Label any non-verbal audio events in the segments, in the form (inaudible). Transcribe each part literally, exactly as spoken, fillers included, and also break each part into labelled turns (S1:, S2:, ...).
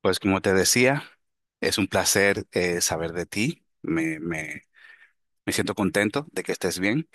S1: Pues como te decía, es un placer, eh, saber de ti. Me, me, me siento contento de que estés bien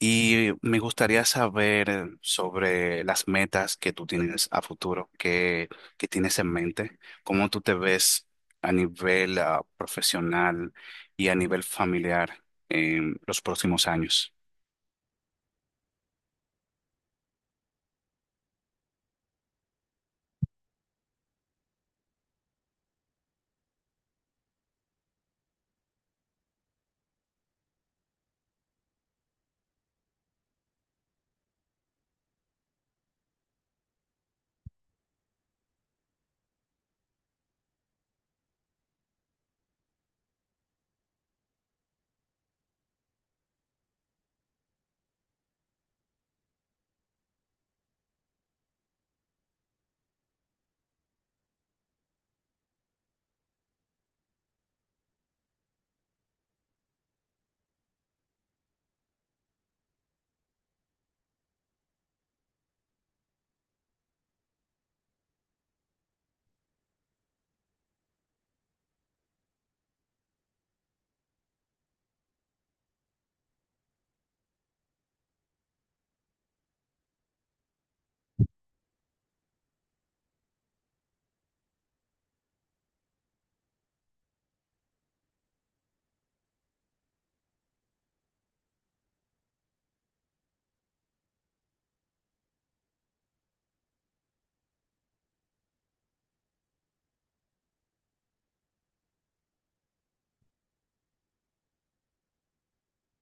S1: y me gustaría saber sobre las metas que tú tienes a futuro, qué, qué tienes en mente, cómo tú te ves a nivel ah, profesional y a nivel familiar en los próximos años.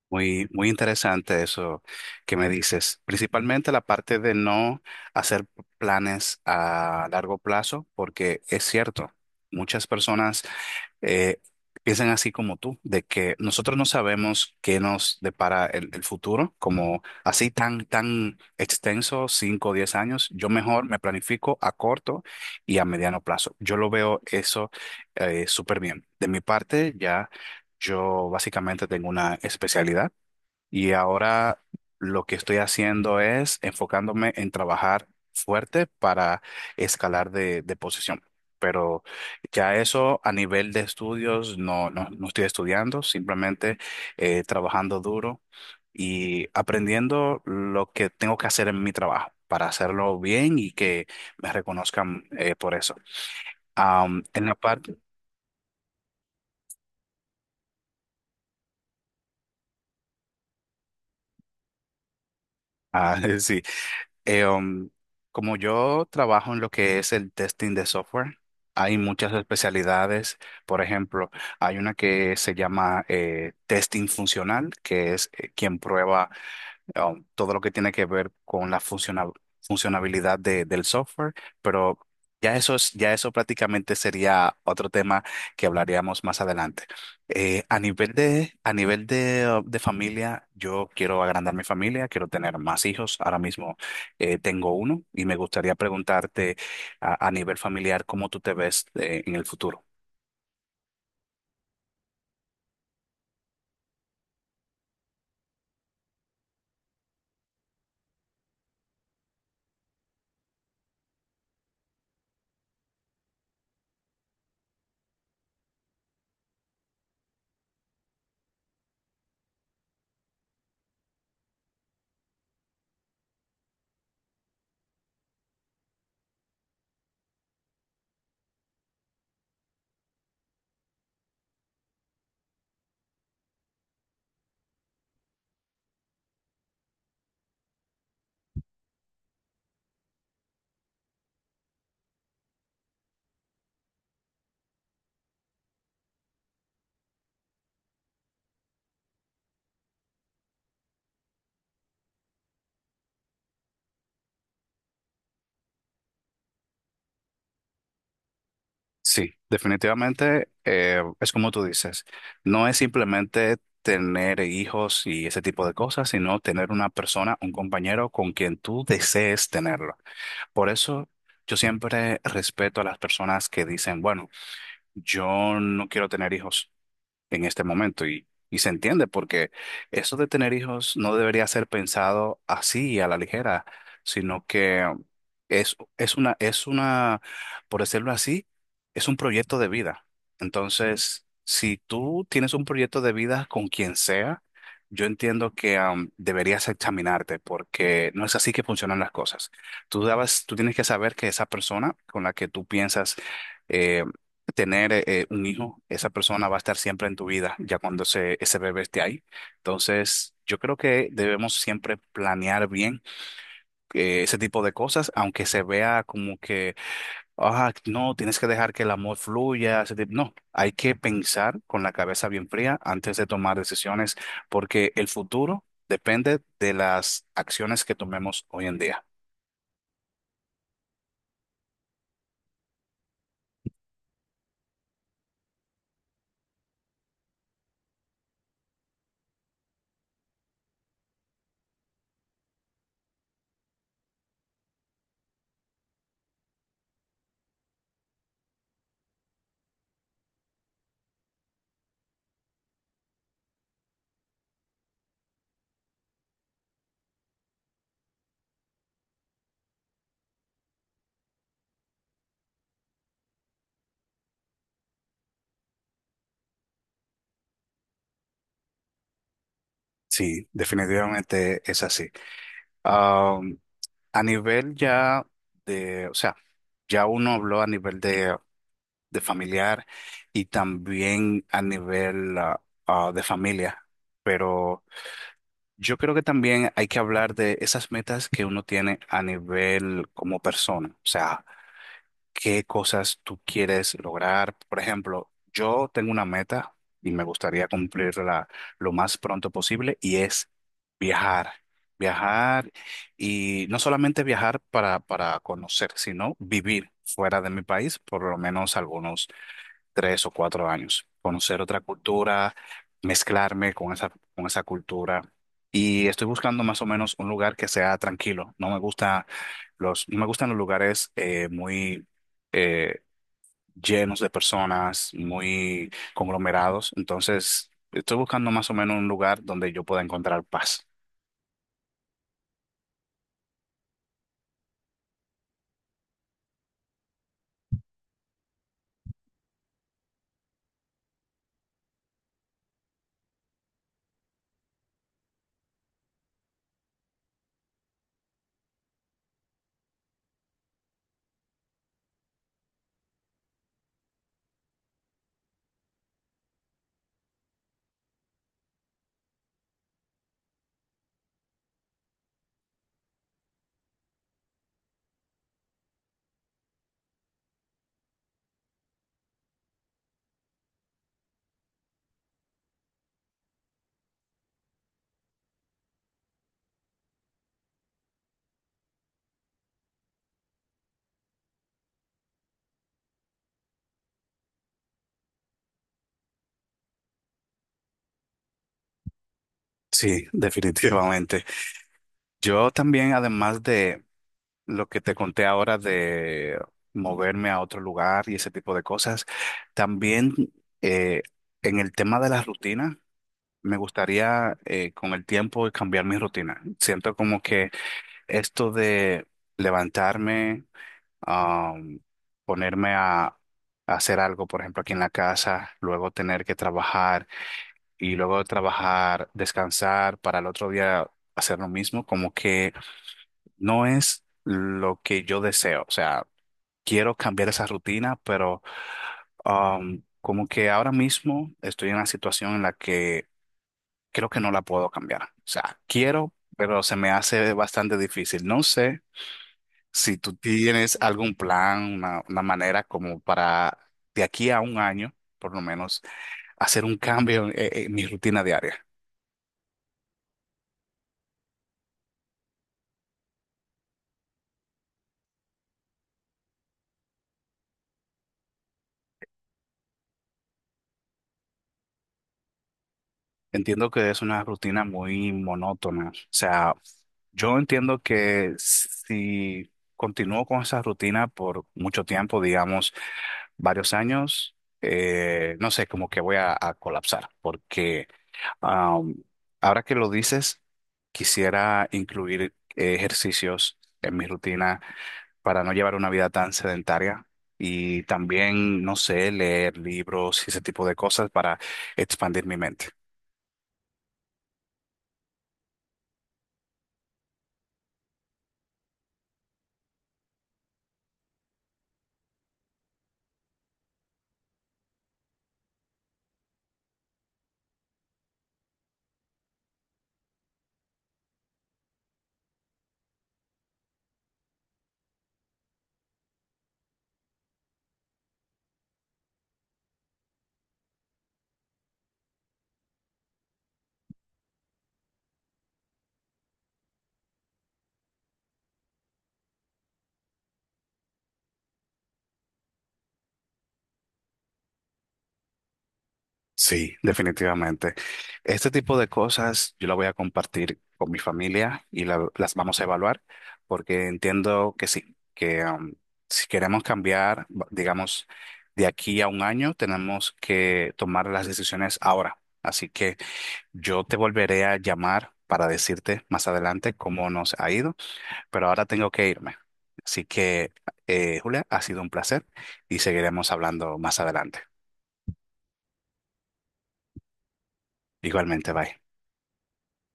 S1: Muy, muy interesante eso que me dices. Principalmente la parte de no hacer planes a largo plazo, porque es cierto, muchas personas eh, piensan así como tú, de que nosotros no sabemos qué nos depara el, el futuro, como así tan, tan extenso, cinco o diez años. Yo mejor me planifico a corto y a mediano plazo. Yo lo veo eso eh, súper bien. De mi parte, ya yo básicamente tengo una especialidad y ahora lo que estoy haciendo es enfocándome en trabajar fuerte para escalar de, de posición. Pero ya eso a nivel de estudios no, no, no estoy estudiando, simplemente eh, trabajando duro y aprendiendo lo que tengo que hacer en mi trabajo para hacerlo bien y que me reconozcan, eh, por eso. Am, en la parte, ah, (laughs) sí. Eh, um, Como yo trabajo en lo que es el testing de software, hay muchas especialidades. Por ejemplo, hay una que se llama, eh, testing funcional, que es, eh, quien prueba um, todo lo que tiene que ver con la funciona- funcionabilidad de- del software, pero ya eso es, ya eso prácticamente sería otro tema que hablaríamos más adelante. Eh, a nivel de, a nivel de, uh, de familia, yo quiero agrandar mi familia, quiero tener más hijos. Ahora mismo, eh, tengo uno y me gustaría preguntarte a, a nivel familiar cómo tú te ves eh, en el futuro. Sí, definitivamente, eh, es como tú dices, no es simplemente tener hijos y ese tipo de cosas, sino tener una persona, un compañero con quien tú desees tenerlo. Por eso yo siempre respeto a las personas que dicen, bueno, yo no quiero tener hijos en este momento, y, y se entiende porque eso de tener hijos no debería ser pensado así a la ligera, sino que es, es una, es una, por decirlo así, es un proyecto de vida. Entonces, si tú tienes un proyecto de vida con quien sea, yo entiendo que, am, deberías examinarte porque no es así que funcionan las cosas. Tú dabas- tú tienes que saber que esa persona con la que tú piensas eh, tener, eh, un hijo, esa persona va a estar siempre en tu vida, ya cuando ese, ese bebé esté ahí. Entonces, yo creo que debemos siempre planear bien, eh, ese tipo de cosas, aunque se vea como que, ah, no, tienes que dejar que el amor fluya, ese tipo... No, hay que pensar con la cabeza bien fría antes de tomar decisiones, porque el futuro depende de las acciones que tomemos hoy en día. Sí, definitivamente es así. A nivel ya de, o sea, ya uno habló a nivel de, de familiar y también a nivel ah, ah, de familia, pero yo creo que también hay que hablar de esas metas que uno tiene a nivel como persona, o sea, qué cosas tú quieres lograr. Por ejemplo, yo tengo una meta y me gustaría cumplirla lo más pronto posible y es viajar. Viajar y no solamente viajar para, para conocer, sino vivir fuera de mi país por lo menos algunos tres o cuatro años, conocer otra cultura, mezclarme con esa, con esa cultura. Y estoy buscando más o menos un lugar que sea tranquilo. No me gusta los, no me gustan los lugares, eh, muy, eh, llenos de personas, muy conglomerados. Entonces, estoy buscando más o menos un lugar donde yo pueda encontrar paz. Sí, (laughs) definitivamente. Yo también, además de lo que te conté ahora de moverme a otro lugar y ese tipo de cosas. También, eh, en el tema de la rutina, me gustaría, eh, con el tiempo cambiar mi rutina. Siento como que esto de levantarme, am, ponerme a... a hacer algo, por ejemplo, aquí en la casa, luego tener que trabajar y luego de trabajar, descansar para el otro día hacer lo mismo, como que no es lo que yo deseo. O sea, quiero cambiar esa rutina, pero, um, como que ahora mismo estoy en una situación en la que creo que no la puedo cambiar. O sea, quiero, pero se me hace bastante difícil. No sé si tú tienes algún plan, una, una manera como para de aquí a un año, por lo menos, hacer un cambio en en mi rutina diaria. Entiendo que es una rutina muy monótona. O sea, yo entiendo que si continúo con esa rutina por mucho tiempo, digamos varios años, eh, no sé, como que voy a, a colapsar. Porque, am, ahora que lo dices, quisiera incluir, eh, ejercicios en mi rutina para no llevar una vida tan sedentaria. Y también, no sé, leer libros y ese tipo de cosas para expandir mi mente. Sí, definitivamente. Este tipo de cosas yo la voy a compartir con mi familia y la- las vamos a evaluar porque entiendo que sí, que, um, si queremos cambiar, va- digamos, de aquí a un año, tenemos que tomar las decisiones ahora. Así que yo te volveré a llamar para decirte más adelante cómo nos ha ido, pero ahora tengo que irme. Así que, eh, Julia, ha sido un placer y seguiremos hablando más adelante. Igualmente, bye.